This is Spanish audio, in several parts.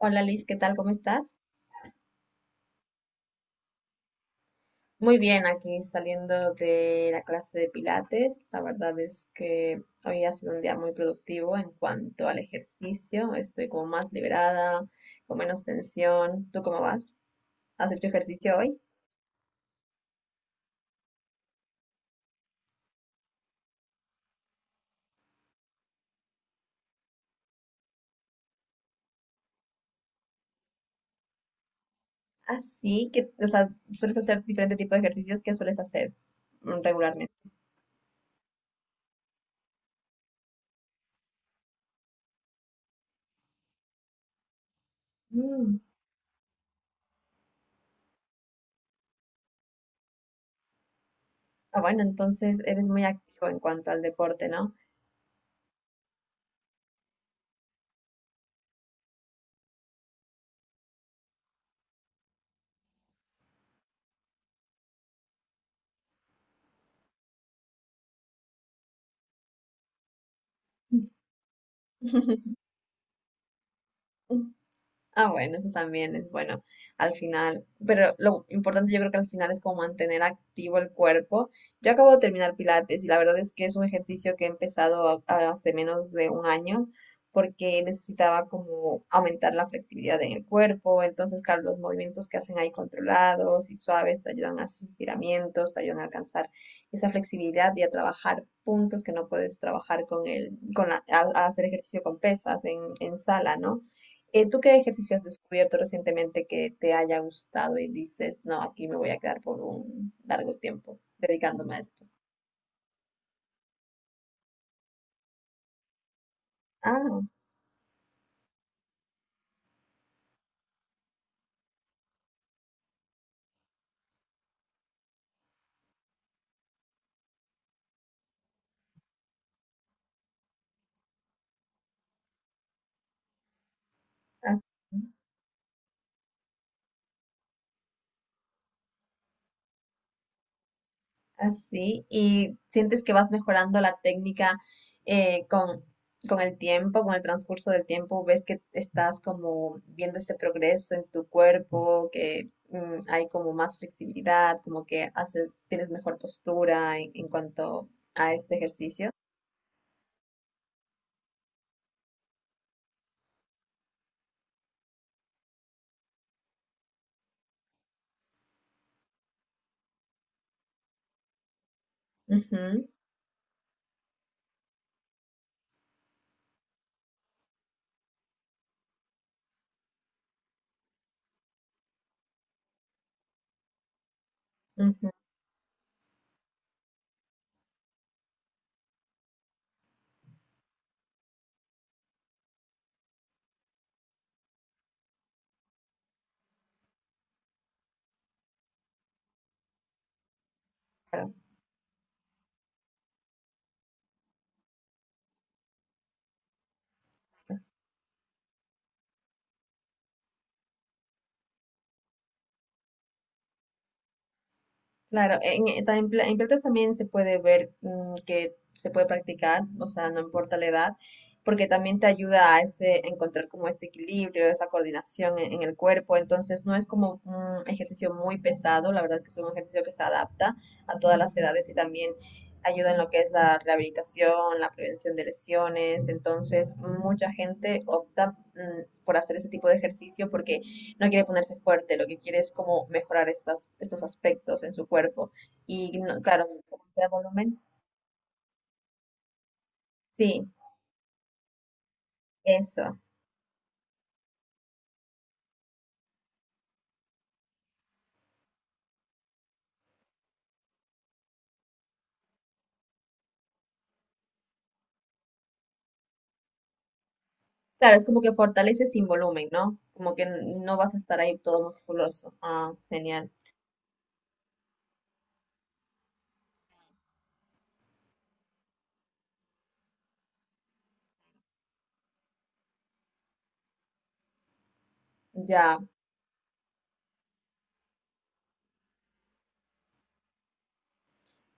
Hola Liz, ¿qué tal? ¿Cómo estás? Muy bien, aquí saliendo de la clase de Pilates. La verdad es que hoy ha sido un día muy productivo en cuanto al ejercicio. Estoy como más liberada, con menos tensión. ¿Tú cómo vas? ¿Has hecho ejercicio hoy? Así que, o sea, sueles hacer diferente tipo de ejercicios que sueles hacer regularmente. Mm. Ah, bueno, entonces eres muy activo en cuanto al deporte, ¿no? Ah, bueno, eso también es bueno al final, pero lo importante yo creo que al final es como mantener activo el cuerpo. Yo acabo de terminar Pilates y la verdad es que es un ejercicio que he empezado a hace menos de un año porque necesitaba como aumentar la flexibilidad en el cuerpo, entonces claro, los movimientos que hacen ahí controlados y suaves te ayudan a esos estiramientos, te ayudan a alcanzar esa flexibilidad y a trabajar puntos que no puedes trabajar con el, con la- a hacer ejercicio con pesas en sala, ¿no? ¿Tú qué ejercicio has descubierto recientemente que te haya gustado y dices, no, aquí me voy a quedar por un largo tiempo dedicándome a esto? Ah, así. Así. ¿Y sientes que vas mejorando la técnica eh, con, con el tiempo, con el transcurso del tiempo? ¿Ves que estás como viendo ese progreso en tu cuerpo, que hay como más flexibilidad, como que haces, tienes mejor postura en cuanto a este ejercicio? Ujú, ujú, claro. Claro, en plantas también se puede ver que se puede practicar, o sea, no importa la edad, porque también te ayuda a ese, a encontrar como ese equilibrio, esa coordinación en el cuerpo, entonces no es como un ejercicio muy pesado, la verdad que es un ejercicio que se adapta a todas las edades y también ayuda en lo que es la rehabilitación, la prevención de lesiones, entonces mucha gente opta por hacer ese tipo de ejercicio porque no quiere ponerse fuerte, lo que quiere es como mejorar estos aspectos en su cuerpo. Y claro, no como que da volumen. Sí, eso. Claro, es como que fortalece sin volumen, ¿no? Como que no vas a estar ahí todo musculoso. Ah, genial. Ya.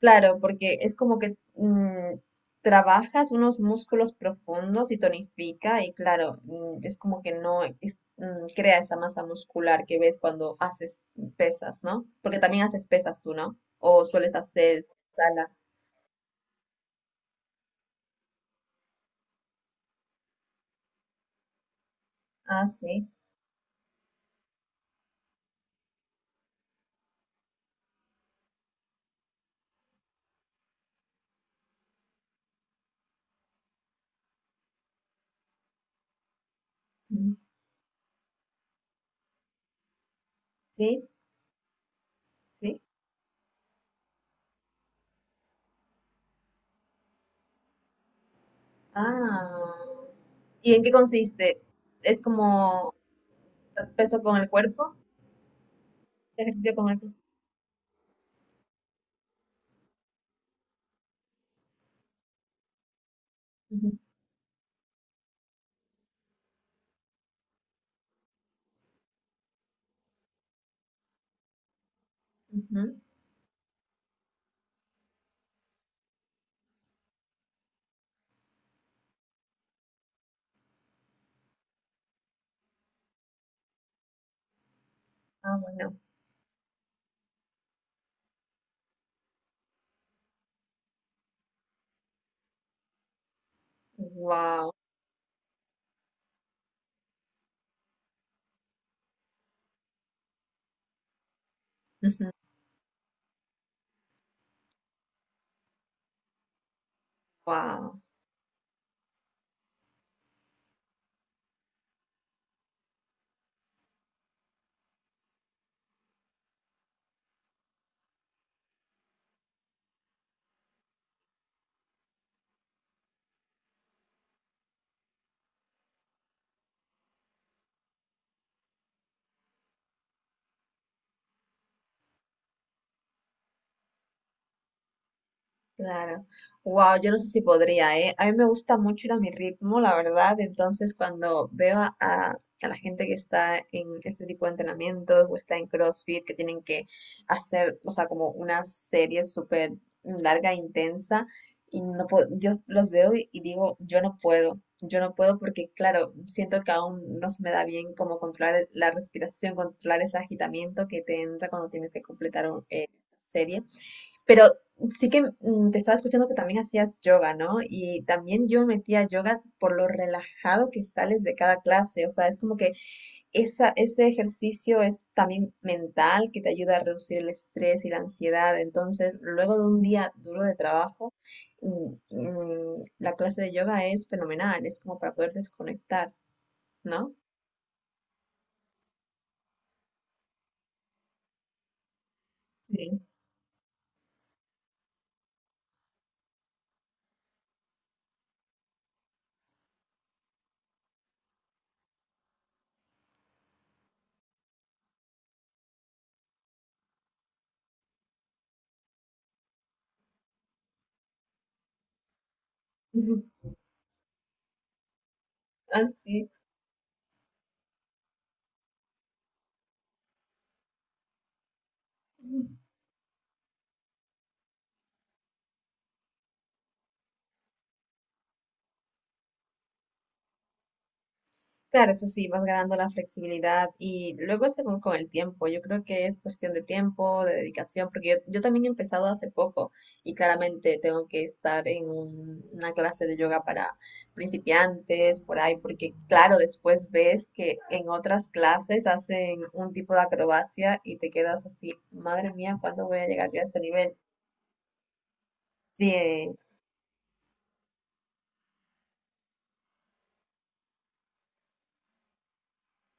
Claro, porque es como que trabajas unos músculos profundos y tonifica y claro, es como que no es- mm, crea esa masa muscular que ves cuando haces pesas, ¿no? Porque también haces pesas tú, ¿no? O sueles hacer sala. Ah, sí. Mm. Sí, sí. Ah. ¿Y en qué consiste? ¿Es como peso con el cuerpo? ¿Ejercicio con el cuerpo? Ujú, ujú. Ah, bueno. Wow. Wow. Claro. Wow, yo no sé si podría, ¿eh? A mí me gusta mucho ir a mi ritmo, la verdad. Entonces, cuando veo a la gente que está en este tipo de entrenamientos o está en CrossFit, que tienen que hacer, o sea, como una serie súper larga e intensa, y no puedo, los veo y digo, yo no puedo porque, claro, siento que aún no se me da bien como controlar la respiración, controlar ese agitamiento que te entra cuando tienes que completar serie. Pero sí que te estaba escuchando que también hacías yoga, ¿no? Y también yo me metía a yoga por lo relajado que sales de cada clase. O sea, es como que ese ejercicio es también mental que te ayuda a reducir el estrés y la ansiedad. Entonces, luego de un día duro de trabajo, la clase de yoga es fenomenal. Es como para poder desconectar, ¿no? Sí. Así. Claro, eso sí, vas ganando la flexibilidad y luego según con el tiempo, yo creo que es cuestión de tiempo, de dedicación, porque yo también he empezado hace poco y claramente tengo que estar en una clase de yoga para principiantes, por ahí, porque claro, después ves que en otras clases hacen un tipo de acrobacia y te quedas así, madre mía, ¿cuándo voy a llegar yo a este nivel? Sí,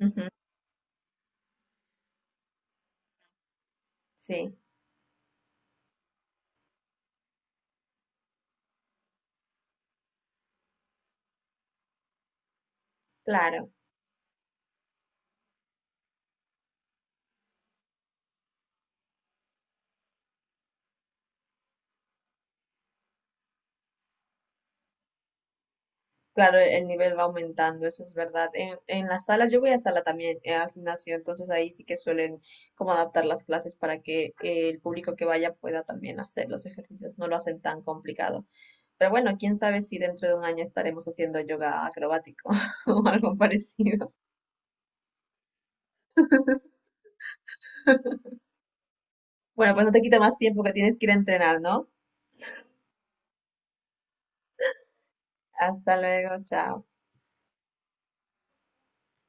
ujú, sí, claro. Claro, el nivel va aumentando, eso es verdad. En las salas, yo voy a sala también, al gimnasio, entonces ahí sí que suelen como adaptar las clases para que el público que vaya pueda también hacer los ejercicios, no lo hacen tan complicado. Pero bueno, quién sabe si dentro de un año estaremos haciendo yoga acrobático o algo parecido. Bueno, pues no te quito más tiempo que tienes que ir a entrenar, ¿no? Hasta luego, chao.